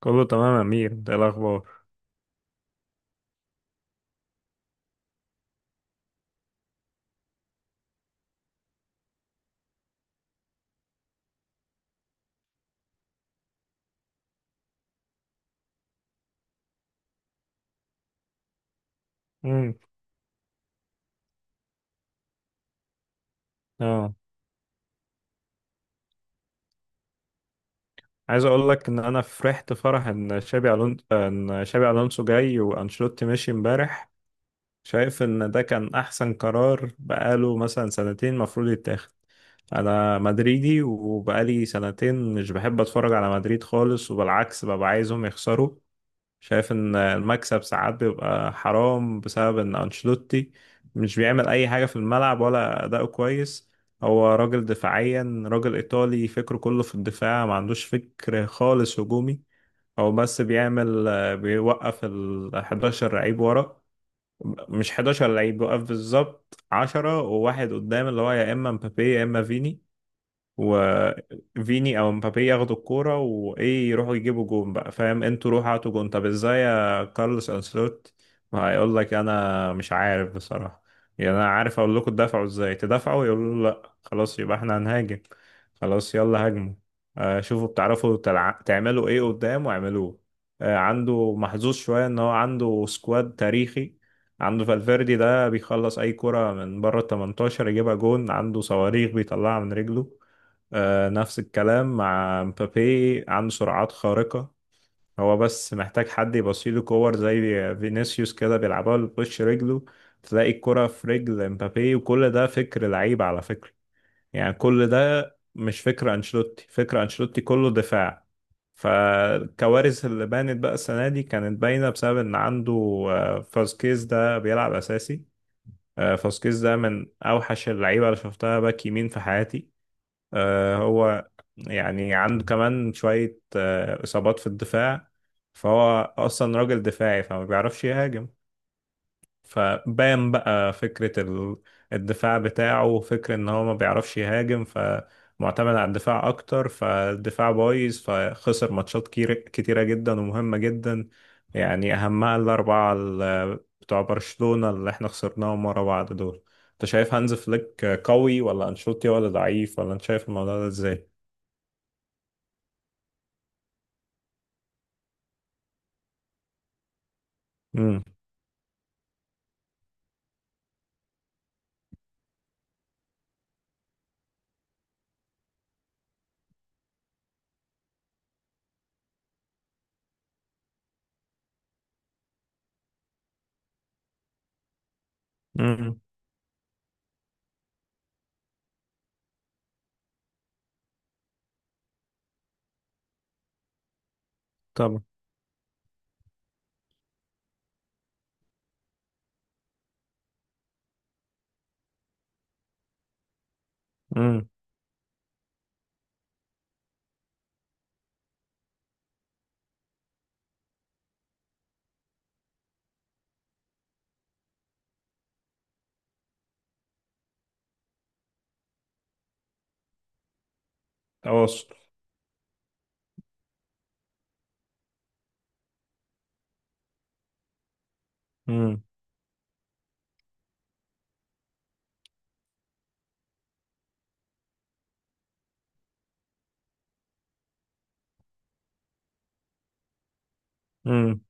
كله تمام يا امير، ده الاخبار. امم اه عايز اقول لك ان انا فرحت فرح ان شابي الونسو جاي وانشيلوتي مشي امبارح. شايف ان ده كان احسن قرار بقاله مثلا سنتين المفروض يتاخد. انا مدريدي وبقالي سنتين مش بحب اتفرج على مدريد خالص، وبالعكس ببقى عايزهم يخسروا. شايف ان المكسب ساعات بيبقى حرام بسبب ان انشيلوتي مش بيعمل اي حاجة في الملعب ولا اداؤه كويس. هو راجل دفاعيا، راجل ايطالي فكره كله في الدفاع، ما عندوش فكر خالص هجومي. هو بس بيوقف ال 11 لعيب ورا، مش 11 لعيب، بيوقف بالظبط 10 وواحد قدام اللي هو يا اما مبابي يا اما فيني. وفيني او مبابي ياخدوا الكوره وايه، يروحوا يجيبوا جون بقى، فاهم؟ انتوا روحوا هاتوا جون، طب ازاي يا كارلوس انسلوت؟ هيقول لك انا مش عارف بصراحه. يعني انا عارف اقول لكم تدافعوا ازاي تدافعوا، يقولوا له لا خلاص يبقى احنا هنهاجم، خلاص يلا هاجموا. شوفوا بتعرفوا تعملوا ايه قدام واعملوه. عنده محظوظ شويه ان هو عنده سكواد تاريخي. عنده فالفيردي ده بيخلص اي كرة من بره ال 18، يجيبها جون. عنده صواريخ بيطلعها من رجله. نفس الكلام مع مبابي، عنده سرعات خارقة. هو بس محتاج حد يبصيله كور زي فينيسيوس كده بيلعبها بوش رجله، تلاقي الكرة في رجل مبابي. وكل ده فكر لعيب على فكرة. يعني كل ده مش فكر أنشيلوتي، فكر أنشيلوتي كله دفاع. فالكوارث اللي بانت بقى السنة دي كانت باينة بسبب إن عنده فاسكيز ده بيلعب أساسي. فاسكيز ده من أوحش اللعيبة اللي شفتها باك يمين في حياتي. هو يعني عنده كمان شوية إصابات في الدفاع، فهو أصلا راجل دفاعي فما بيعرفش يهاجم. فبان بقى فكرة الدفاع بتاعه، وفكرة إن هو ما بيعرفش يهاجم، فمعتمد على الدفاع أكتر، فالدفاع بايظ فخسر ماتشات كتيرة جدا ومهمة جدا. يعني أهمها الأربعة بتوع برشلونة اللي إحنا خسرناهم ورا بعض دول. انت شايف هانز فليك قوي ولا انشيلوتي، ولا ضعيف، ولا انت شايف الموضوع ده ازاي؟ امم. امم. طبعا. امم. تواصل. امم. امم.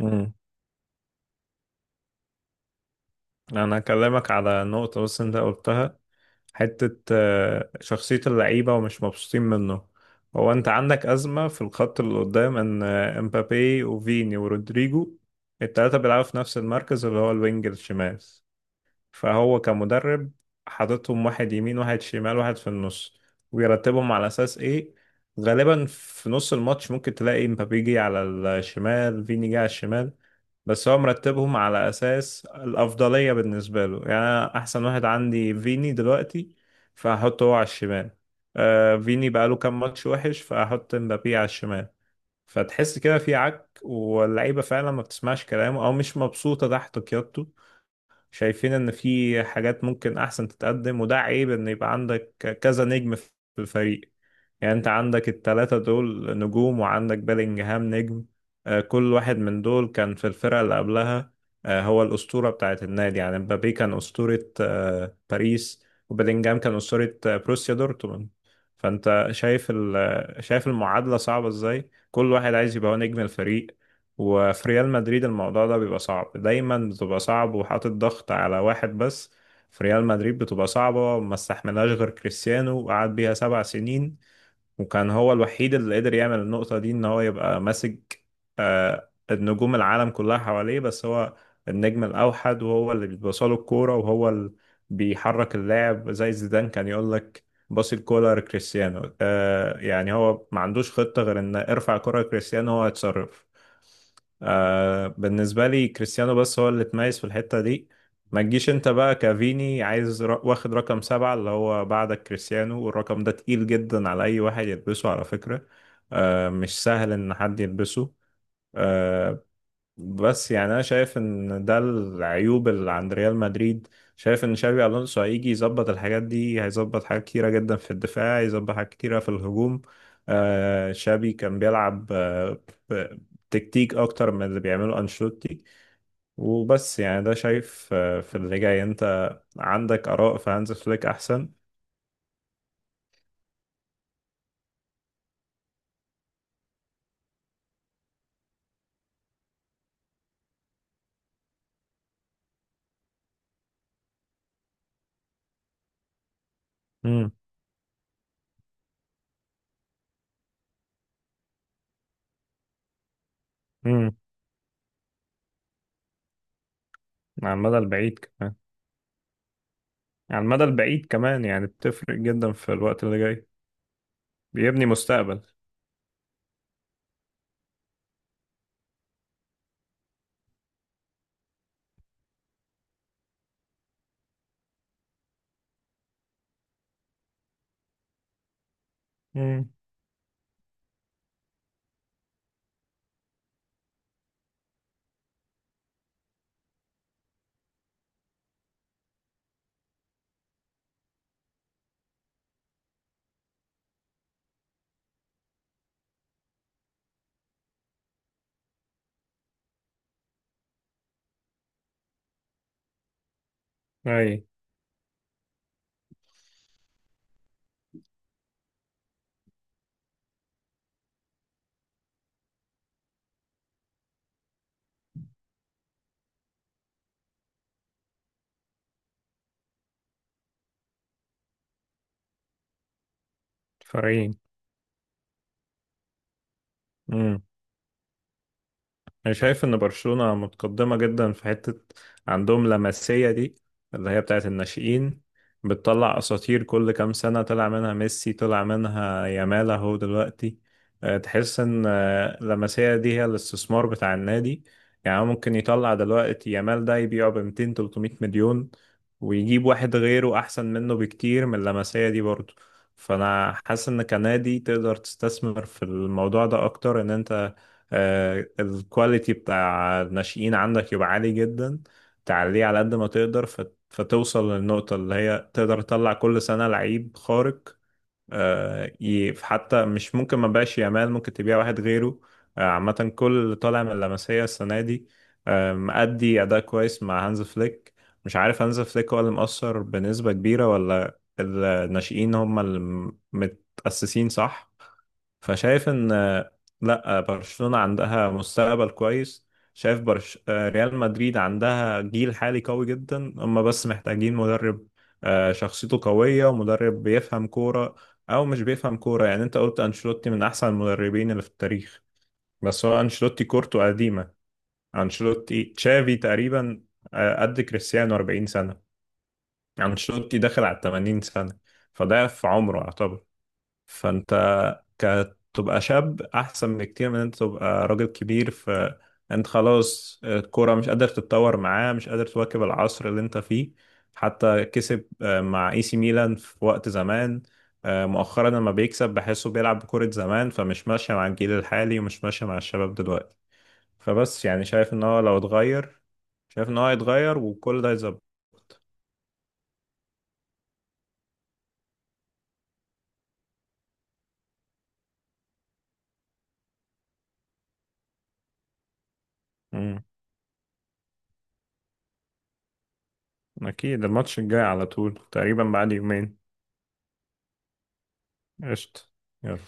امم. انا هكلمك على نقطة بس انت قلتها، حتة شخصية اللعيبة ومش مبسوطين منه. هو انت عندك أزمة في الخط اللي قدام ان امبابي وفيني ورودريجو التلاتة بيلعبوا في نفس المركز اللي هو الوينج الشمال. فهو كمدرب حاططهم واحد يمين واحد شمال واحد في النص، ويرتبهم على أساس إيه؟ غالبا في نص الماتش ممكن تلاقي مبابي جه على الشمال، فيني جه على الشمال. بس هو مرتبهم على أساس الأفضلية بالنسبة له، يعني أنا أحسن واحد عندي فيني دلوقتي فهحطه هو على الشمال. فيني بقاله كام ماتش وحش فأحط مبابي على الشمال. فتحس كده في عك، واللعيبة فعلا ما بتسمعش كلامه أو مش مبسوطة تحت قيادته. شايفين ان في حاجات ممكن احسن تتقدم، وده عيب ان يبقى عندك كذا نجم في الفريق. يعني انت عندك التلاتة دول نجوم وعندك بيلينجهام نجم. كل واحد من دول كان في الفرقة اللي قبلها. هو الأسطورة بتاعت النادي. يعني مبابي كان أسطورة باريس، وبيلينجهام كان أسطورة بروسيا دورتموند. فانت شايف شايف المعادلة صعبة ازاي، كل واحد عايز يبقى هو نجم الفريق. وفي ريال مدريد الموضوع ده بيبقى صعب دايما، بتبقى صعب وحاطط ضغط على واحد بس. في ريال مدريد بتبقى صعبة، ما استحملهاش غير كريستيانو وقعد بيها 7 سنين. وكان هو الوحيد اللي قدر يعمل النقطة دي، ان هو يبقى ماسك النجوم العالم كلها حواليه، بس هو النجم الأوحد وهو اللي بيبصله الكورة وهو اللي بيحرك اللاعب. زي زيدان كان يقول لك باص الكورة لكريستيانو. يعني هو ما عندوش خطة غير ان ارفع كرة لكريستيانو هو يتصرف. بالنسبة لي كريستيانو بس هو اللي اتميز في الحتة دي. ما تجيش انت بقى كافيني عايز واخد رقم 7 اللي هو بعدك كريستيانو، والرقم ده تقيل جدا على أي واحد يلبسه على فكرة. مش سهل إن حد يلبسه. آه بس يعني أنا شايف إن ده العيوب اللي عند ريال مدريد. شايف إن شابي ألونسو هيجي يظبط الحاجات دي، هيظبط حاجات كتيرة جدا في الدفاع، هيظبط حاجات كتيرة في الهجوم. شابي كان بيلعب ب- تكتيك أكتر من اللي بيعمله أنشيلوتي. وبس يعني ده شايف في اللي جاي انت عندك آراء في هانز فليك أحسن. امم. امم. على المدى البعيد كمان. على المدى البعيد كمان يعني بتفرق جدا في الوقت اللي جاي. بيبني مستقبل. امم. أي. فريقين. انا شايف ان برشلونة متقدمة جدا في حتة، عندهم لمسية دي اللي هي بتاعت الناشئين، بتطلع اساطير كل كام سنة. طلع منها ميسي، طلع منها يامال اهو دلوقتي. تحس ان اللمسية دي هي الاستثمار بتاع النادي. يعني ممكن يطلع دلوقتي يامال ده، يبيعه ب 200 300 مليون ويجيب واحد غيره احسن منه بكتير من اللمسية دي برضه. فانا حاسس ان كنادي تقدر تستثمر في الموضوع ده اكتر، ان انت الكواليتي بتاع الناشئين عندك يبقى عالي جدا، تعليه على قد ما تقدر فتوصل للنقطة اللي هي تقدر تطلع كل سنة لعيب خارق. حتى مش ممكن ما بقاش يامال، ممكن تبيع واحد غيره. عامة كل اللي طالع من اللمسية السنة دي مأدي أداء كويس مع هانز فليك. مش عارف هانز فليك هو اللي مؤثر بنسبة كبيرة ولا الناشئين هم اللي متأسسين صح. فشايف ان لا، برشلونة عندها مستقبل كويس. شايف ريال مدريد عندها جيل حالي قوي جدا، هم بس محتاجين مدرب شخصيته قوية ومدرب بيفهم كورة. او مش بيفهم كورة، يعني انت قلت انشيلوتي من احسن المدربين اللي في التاريخ، بس هو انشيلوتي كورته قديمة. انشيلوتي تشافي تقريبا قد كريستيانو 40 سنة. انشيلوتي داخل على 80 سنة، فده في عمره يعتبر. فانت تبقى شاب احسن بكتير من انت تبقى راجل كبير، فانت خلاص الكوره مش قادر تتطور معاه، مش قادر تواكب العصر اللي انت فيه. حتى كسب مع اي سي ميلان في وقت زمان. مؤخرا لما بيكسب بحسه بيلعب بكرة زمان، فمش ماشية مع الجيل الحالي ومش ماشية مع الشباب دلوقتي. فبس يعني شايف ان هو لو اتغير، شايف ان هو هيتغير وكل ده هيظبط. مم. اكيد الماتش الجاي على طول، تقريبا بعد يومين. قشطة. يلا